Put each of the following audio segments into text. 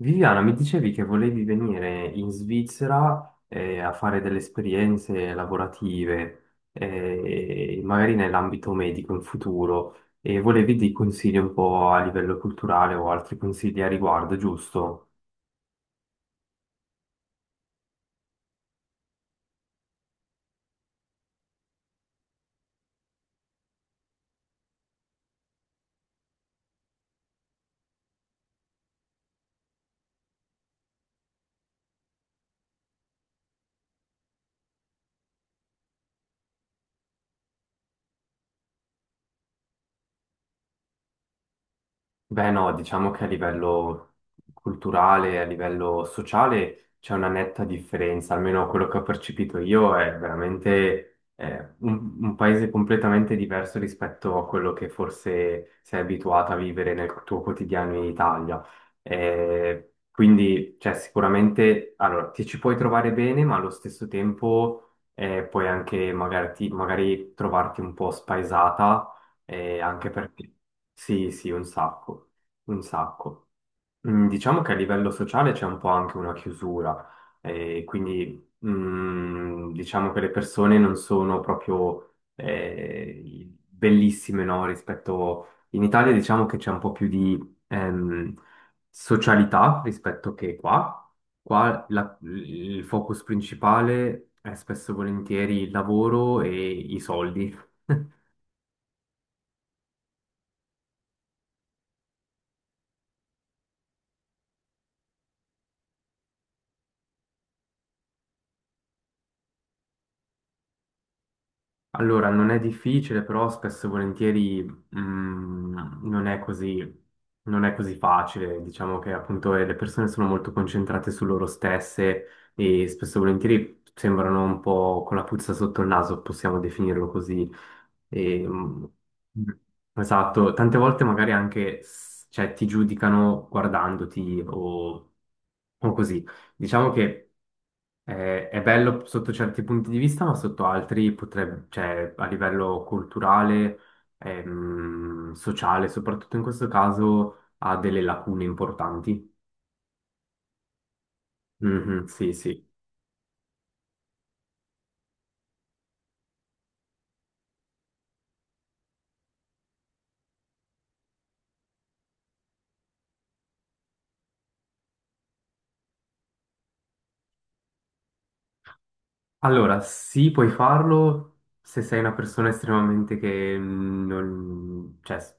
Viviana, mi dicevi che volevi venire in Svizzera a fare delle esperienze lavorative, magari nell'ambito medico in futuro, e volevi dei consigli un po' a livello culturale o altri consigli a riguardo, giusto? Beh, no, diciamo che a livello culturale, a livello sociale c'è una netta differenza, almeno quello che ho percepito io è veramente un paese completamente diverso rispetto a quello che forse sei abituato a vivere nel tuo quotidiano in Italia. Quindi, cioè, sicuramente, allora, ti ci puoi trovare bene, ma allo stesso tempo puoi anche magari trovarti un po' spaesata, anche perché... Sì, sì, un sacco, un sacco. Diciamo che a livello sociale c'è un po' anche una chiusura, quindi diciamo che le persone non sono proprio bellissime, no? Rispetto... In Italia diciamo che c'è un po' più di ehm, socialità rispetto che qua. Il focus principale è spesso e volentieri il lavoro e i soldi. Allora, non è difficile, però spesso e volentieri non è così, non è così facile. Diciamo che appunto le persone sono molto concentrate su loro stesse e spesso e volentieri sembrano un po' con la puzza sotto il naso, possiamo definirlo così. E, mh, esatto, tante volte magari cioè, ti giudicano guardandoti o così. Diciamo che è bello sotto certi punti di vista, ma sotto altri potrebbe, cioè a livello culturale, sociale, soprattutto in questo caso, ha delle lacune importanti. Mhm, sì, sì. Allora, sì, puoi farlo se sei una persona estremamente che mm, non, cioè,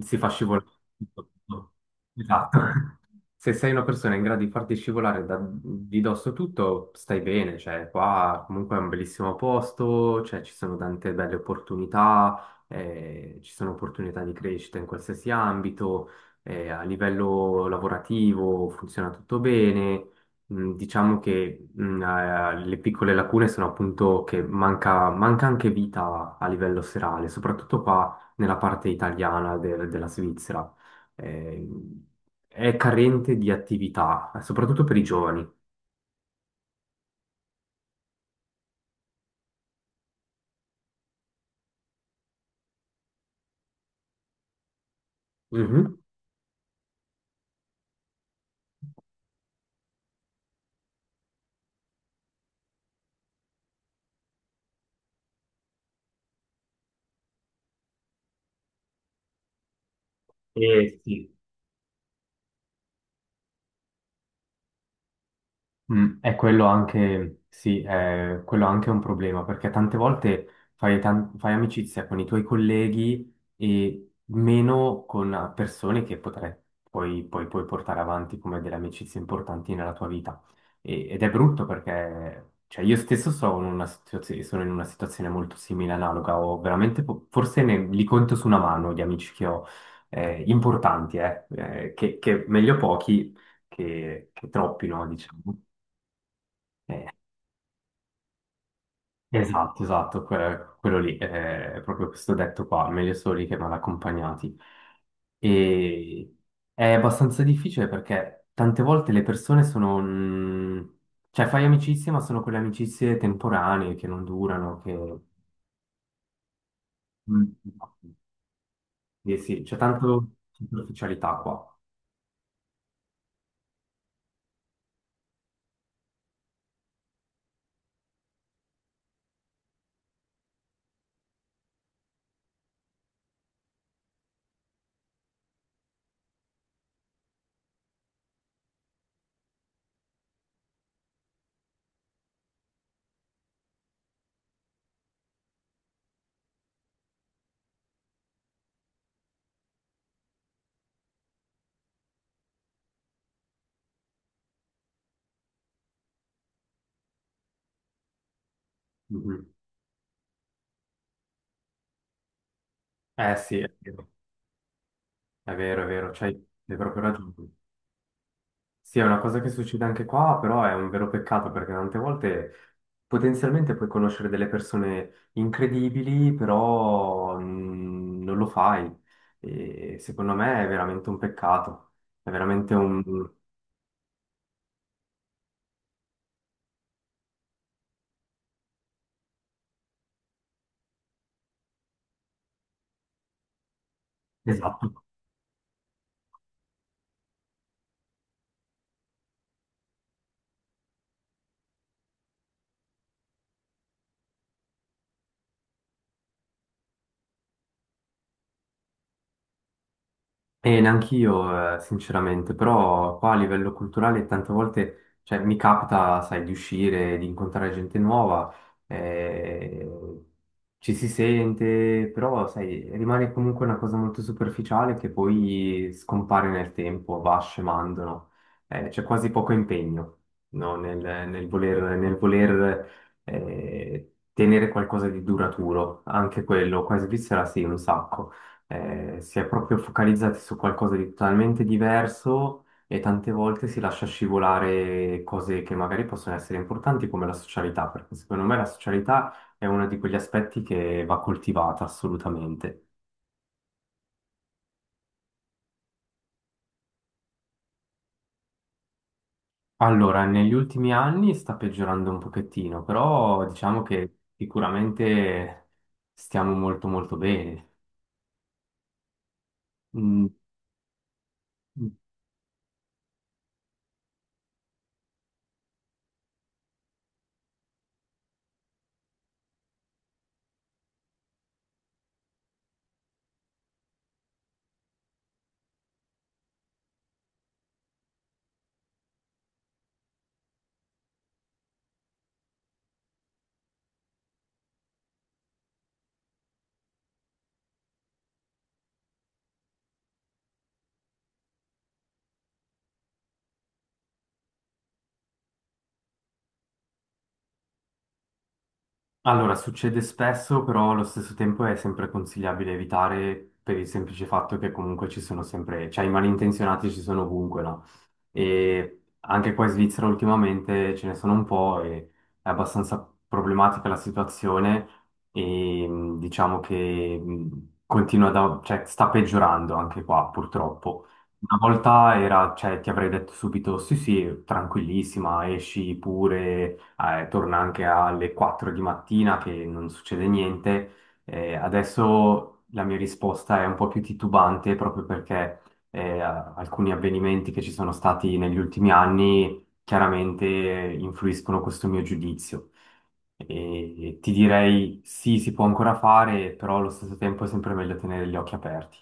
si fa scivolare. Tutto. Esatto. Se sei una persona in grado di farti scivolare di dosso tutto, stai bene, cioè qua comunque è un bellissimo posto, cioè ci sono tante belle opportunità, ci sono opportunità di crescita in qualsiasi ambito, a livello lavorativo funziona tutto bene. Diciamo che le piccole lacune sono appunto che manca anche vita a livello serale, soprattutto qua nella parte italiana della Svizzera. Eh, è carente di attività, soprattutto per i giovani. Mhm. E sì, è quello anche, sì, è quello anche un problema, perché tante volte fai amicizia con i tuoi colleghi e meno con persone che potrai, poi puoi portare avanti come delle amicizie importanti nella tua vita. Ed è brutto perché, cioè, io stesso sono in una sono in una situazione molto simile, analoga, ho veramente, forse ne, li conto su una mano gli amici che ho, importanti, che meglio pochi che troppi, no, diciamo. Esatto, esatto, quello lì, è proprio questo detto qua, meglio soli che mal accompagnati. E è abbastanza difficile perché tante volte le persone sono... cioè fai amicizie, ma sono quelle amicizie temporanee che non durano, che... Mm. Sì, sì, c'è tanto superficialità qua. Mhm. Eh sì, è vero, è vero, è vero, c'hai hai proprio ragione. Sì, è una cosa che succede anche qua, però è un vero peccato perché tante volte potenzialmente puoi conoscere delle persone incredibili, però non lo fai. E secondo me è veramente un peccato. È veramente un... Esatto. E neanch'io, sinceramente, però qua a livello culturale tante volte, cioè, mi capita, sai, di uscire, di incontrare gente nuova, eh, ci si sente, però, sai, rimane comunque una cosa molto superficiale che poi scompare nel tempo, va scemando, no? C'è quasi poco impegno, no? Nel voler, tenere qualcosa di duraturo, anche quello, qua in Svizzera sì, un sacco si è proprio focalizzati su qualcosa di totalmente diverso e tante volte si lascia scivolare cose che magari possono essere importanti come la socialità, perché secondo me la socialità è uno di quegli aspetti che va coltivata assolutamente. Allora, negli ultimi anni sta peggiorando un pochettino, però diciamo che sicuramente stiamo molto molto bene. Mm, Allora, succede spesso, però allo stesso tempo è sempre consigliabile evitare per il semplice fatto che comunque ci sono sempre, cioè i malintenzionati ci sono ovunque, no? E anche qua in Svizzera ultimamente ce ne sono un po' e è abbastanza problematica la situazione e diciamo che continua cioè, sta peggiorando anche qua purtroppo. Una volta era, cioè, ti avrei detto subito sì sì, tranquillissima, esci pure, torna anche alle 4 di mattina che non succede niente. Adesso la mia risposta è un po' più titubante proprio perché alcuni avvenimenti che ci sono stati negli ultimi anni chiaramente influiscono questo mio giudizio. E ti direi sì, si può ancora fare, però allo stesso tempo è sempre meglio tenere gli occhi aperti.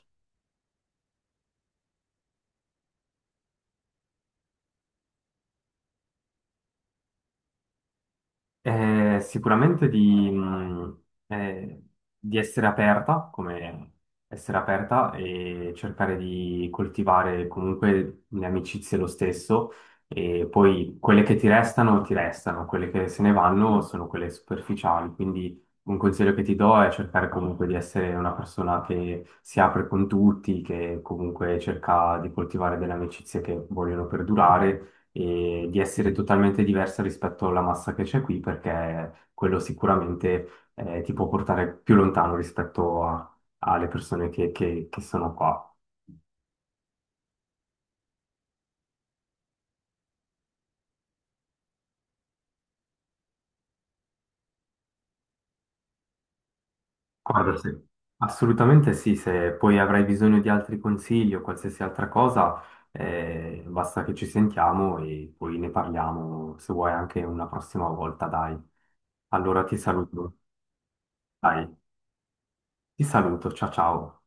Eh, sicuramente di, mh, eh, di essere aperta, come essere aperta e cercare di coltivare comunque le amicizie lo stesso e poi quelle che ti restano, quelle che se ne vanno sono quelle superficiali, quindi un consiglio che ti do è cercare comunque di essere una persona che si apre con tutti, che comunque cerca di coltivare delle amicizie che vogliono perdurare e di essere totalmente diversa rispetto alla massa che c'è qui, perché quello sicuramente ti può portare più lontano alle persone che sono qua. Guarda, sì. Assolutamente sì, se poi avrai bisogno di altri consigli o qualsiasi altra cosa, basta che ci sentiamo e poi ne parliamo, se vuoi anche una prossima volta, dai. Allora ti saluto, dai, ti saluto, ciao ciao.